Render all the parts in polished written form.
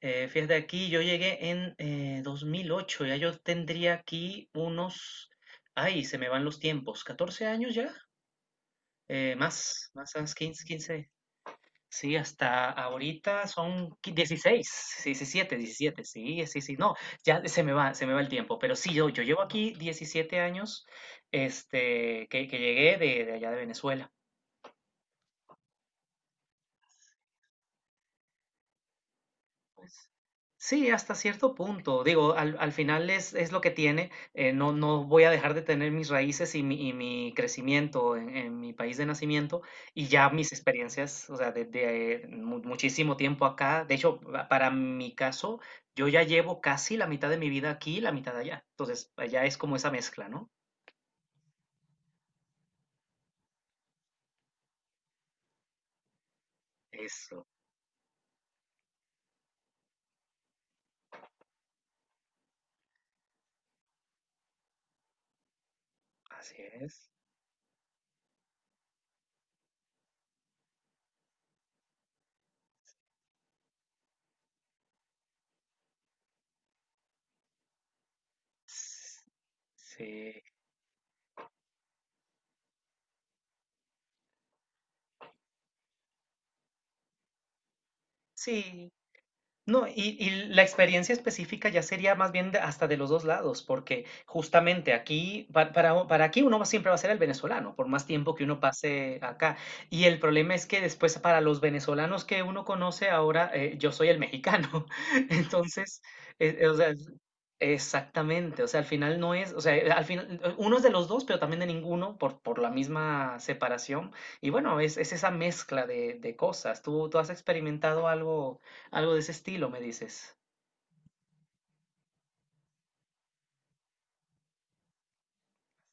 Fíjate, aquí yo llegué en 2008. Ya yo tendría aquí unos, ay, se me van los tiempos, 14 años ya, más, más, más 15 sí, hasta ahorita son 16, sí, 17, sí, sí, sí, no, ya se me va el tiempo, pero sí, yo llevo aquí 17 años, que llegué de allá, de Venezuela. Sí, hasta cierto punto. Digo, al final es lo que tiene. No voy a dejar de tener mis raíces y y mi crecimiento en mi país de nacimiento, y ya mis experiencias, o sea, desde muchísimo tiempo acá. De hecho, para mi caso, yo ya llevo casi la mitad de mi vida aquí y la mitad allá. Entonces, allá es como esa mezcla, ¿no? Eso, así es. Sí, sí. No, y la experiencia específica ya sería más bien hasta de los dos lados, porque justamente aquí, para aquí uno siempre va a ser el venezolano, por más tiempo que uno pase acá. Y el problema es que después para los venezolanos que uno conoce ahora, yo soy el mexicano. Entonces, o sea, exactamente, o sea, al final no es, o sea, al final uno es de los dos, pero también de ninguno por la misma separación. Y bueno, es esa mezcla de cosas. ¿Tú, tú has experimentado algo? Algo de ese estilo, me dices.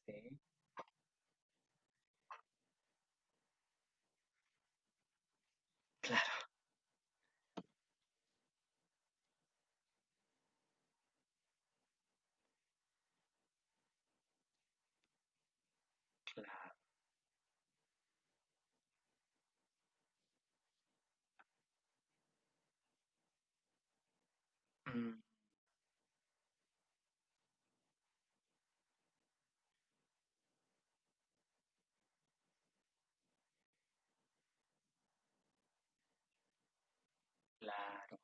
Sí, claro, claro. Mm, claro,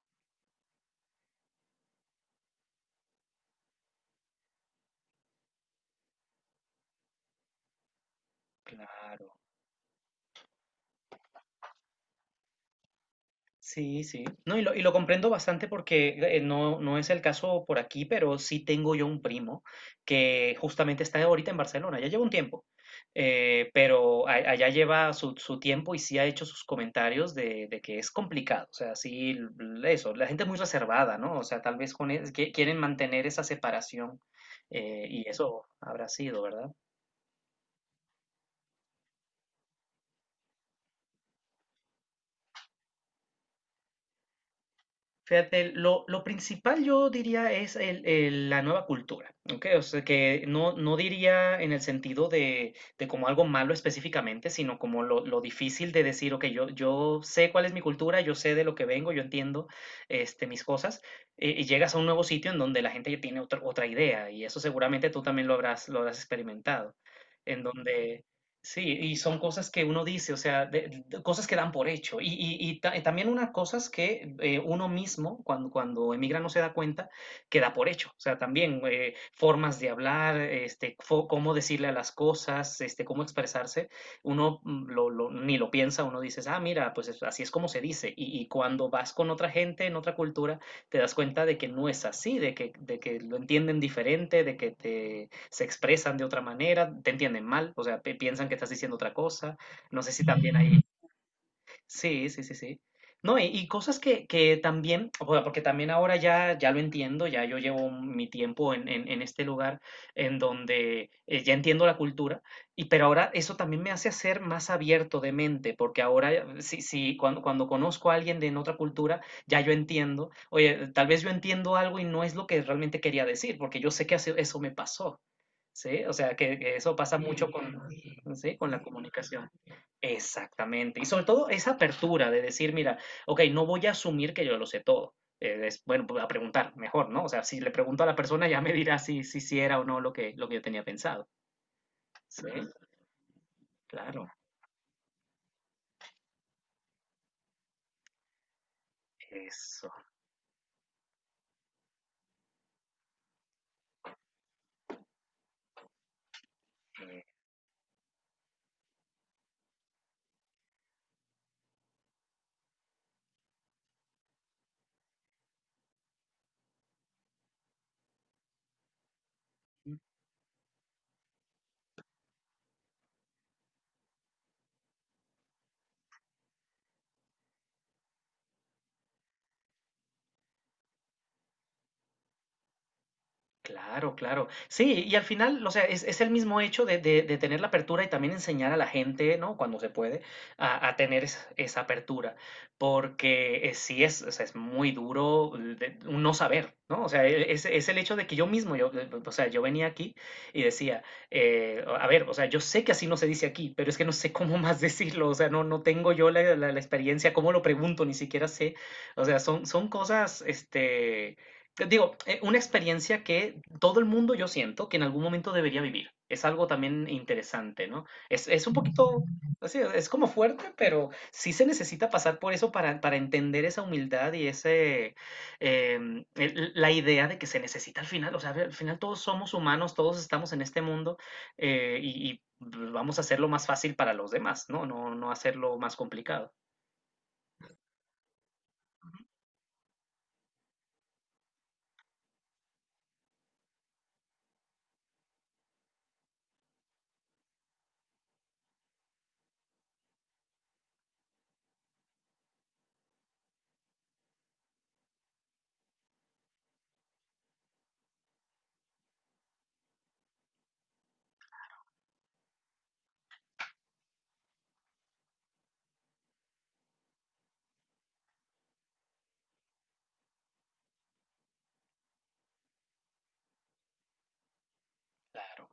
claro. Sí, sí. No, y lo comprendo bastante porque no, no es el caso por aquí, pero sí tengo yo un primo que justamente está ahorita en Barcelona, ya lleva un tiempo, pero allá lleva su, su tiempo y sí ha hecho sus comentarios de que es complicado, o sea, sí, eso, la gente es muy reservada, ¿no? O sea, tal vez con, quieren mantener esa separación, y eso habrá sido, ¿verdad? Fíjate, lo principal yo diría es la nueva cultura, ¿ok? O sea, que no, no diría en el sentido de como algo malo específicamente, sino como lo difícil de decir, ok, yo sé cuál es mi cultura, yo sé de lo que vengo, yo entiendo, mis cosas, y llegas a un nuevo sitio en donde la gente ya tiene otra idea, y eso seguramente tú también lo habrás experimentado, en donde... Sí, y son cosas que uno dice, o sea, cosas que dan por hecho. Y también unas cosas que uno mismo, cuando, cuando emigra, no se da cuenta que da por hecho. O sea, también formas de hablar, cómo decirle a las cosas, este, cómo expresarse. Uno ni lo piensa, uno dice, ah, mira, pues así es como se dice. Y cuando vas con otra gente en otra cultura, te das cuenta de que no es así, de que lo entienden diferente, de que te se expresan de otra manera, te entienden mal, o sea, piensan que estás diciendo otra cosa. No sé si también hay... Sí, sí, sí, sí. No, y cosas que también, o sea, porque también ahora ya, ya lo entiendo, ya yo llevo mi tiempo en este lugar en donde ya entiendo la cultura, y pero ahora eso también me hace ser más abierto de mente, porque ahora sí, sí, cuando, cuando conozco a alguien de en otra cultura, ya yo entiendo, oye, tal vez yo entiendo algo y no es lo que realmente quería decir, porque yo sé que eso me pasó. Sí, o sea, que eso pasa mucho con, ¿sí?, con la comunicación. Exactamente. Y sobre todo esa apertura de decir, mira, ok, no voy a asumir que yo lo sé todo. Es, bueno, voy a preguntar mejor, ¿no? O sea, si le pregunto a la persona ya me dirá si, si, si era o no lo que, lo que yo tenía pensado. Sí, claro. Eso. eh, Claro, claro. Sí, y al final, o sea, es el mismo hecho de, de tener la apertura y también enseñar a la gente, ¿no? Cuando se puede, a tener esa apertura. Porque sí es, o sea, es muy duro un no saber, ¿no? O sea, es el hecho de que yo mismo, o sea, yo venía aquí y decía, a ver, o sea, yo sé que así no se dice aquí, pero es que no sé cómo más decirlo, o sea, no, no tengo yo la, la experiencia, cómo lo pregunto, ni siquiera sé. O sea, son, son cosas, digo, una experiencia que todo el mundo yo siento que en algún momento debería vivir. Es algo también interesante, ¿no? Es un poquito, así, es como fuerte, pero sí se necesita pasar por eso para entender esa humildad y ese, la idea de que se necesita al final. O sea, al final todos somos humanos, todos estamos en este mundo, y vamos a hacerlo más fácil para los demás, ¿no? No, no hacerlo más complicado. Claro.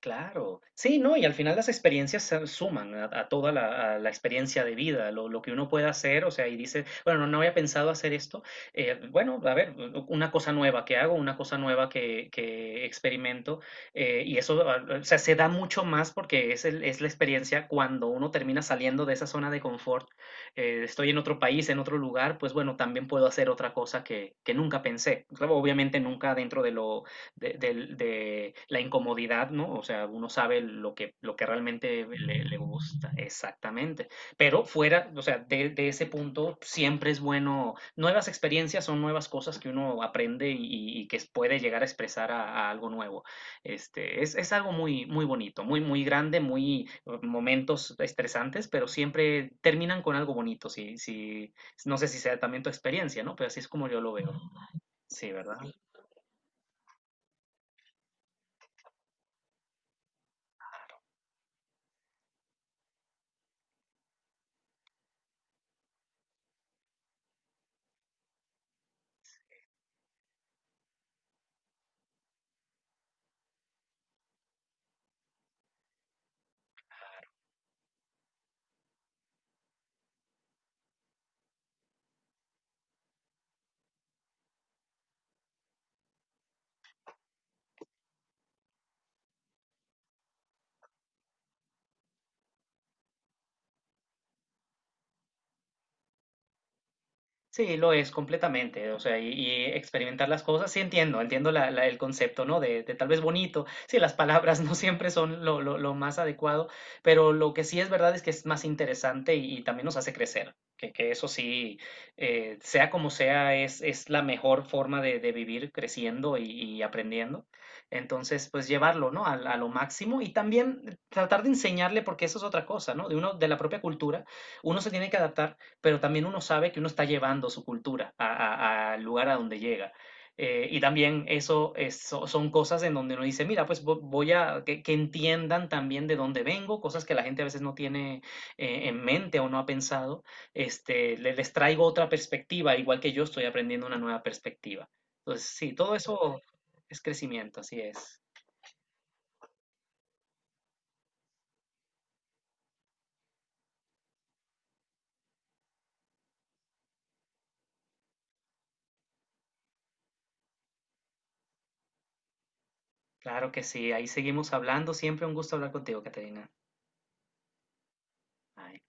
Claro, sí, ¿no? Y al final las experiencias se suman a toda la, a la experiencia de vida, lo que uno pueda hacer, o sea, y dice, bueno, no, no había pensado hacer esto, bueno, a ver, una cosa nueva que hago, una cosa nueva que experimento, y eso, ah, o sea, se da mucho más porque es, es la experiencia cuando uno termina saliendo de esa zona de confort. Estoy en otro país, en otro lugar, pues bueno, también puedo hacer otra cosa que nunca pensé, claro, obviamente nunca dentro de lo de la incomodidad, ¿no? O sea, uno sabe lo que realmente le, le gusta, exactamente. Pero fuera, o sea, ese punto siempre es bueno, nuevas experiencias son nuevas cosas que uno aprende y que puede llegar a expresar a algo nuevo. Es, es algo muy, muy bonito, muy, muy grande, muy momentos estresantes, pero siempre terminan con algo bonito, si, si, no sé si sea también tu experiencia, ¿no? Pero así es como yo lo veo. Sí, ¿verdad? Sí, lo es completamente, o sea, y experimentar las cosas, sí entiendo, entiendo el concepto, ¿no? De tal vez bonito, sí, las palabras no siempre son lo, lo más adecuado, pero lo que sí es verdad es que es más interesante y también nos hace crecer, que eso sí, sea como sea, es la mejor forma de vivir creciendo y aprendiendo. Entonces, pues llevarlo, ¿no? A lo máximo y también tratar de enseñarle, porque eso es otra cosa, ¿no? De uno, de la propia cultura, uno se tiene que adaptar, pero también uno sabe que uno está llevando su cultura al lugar a donde llega. Y también eso son cosas en donde uno dice, mira, pues voy a que entiendan también de dónde vengo, cosas que la gente a veces no tiene en mente o no ha pensado. Les traigo otra perspectiva, igual que yo estoy aprendiendo una nueva perspectiva. Entonces, sí, todo eso es crecimiento, así es. Claro que sí, ahí seguimos hablando. Siempre un gusto hablar contigo, Caterina. Ay.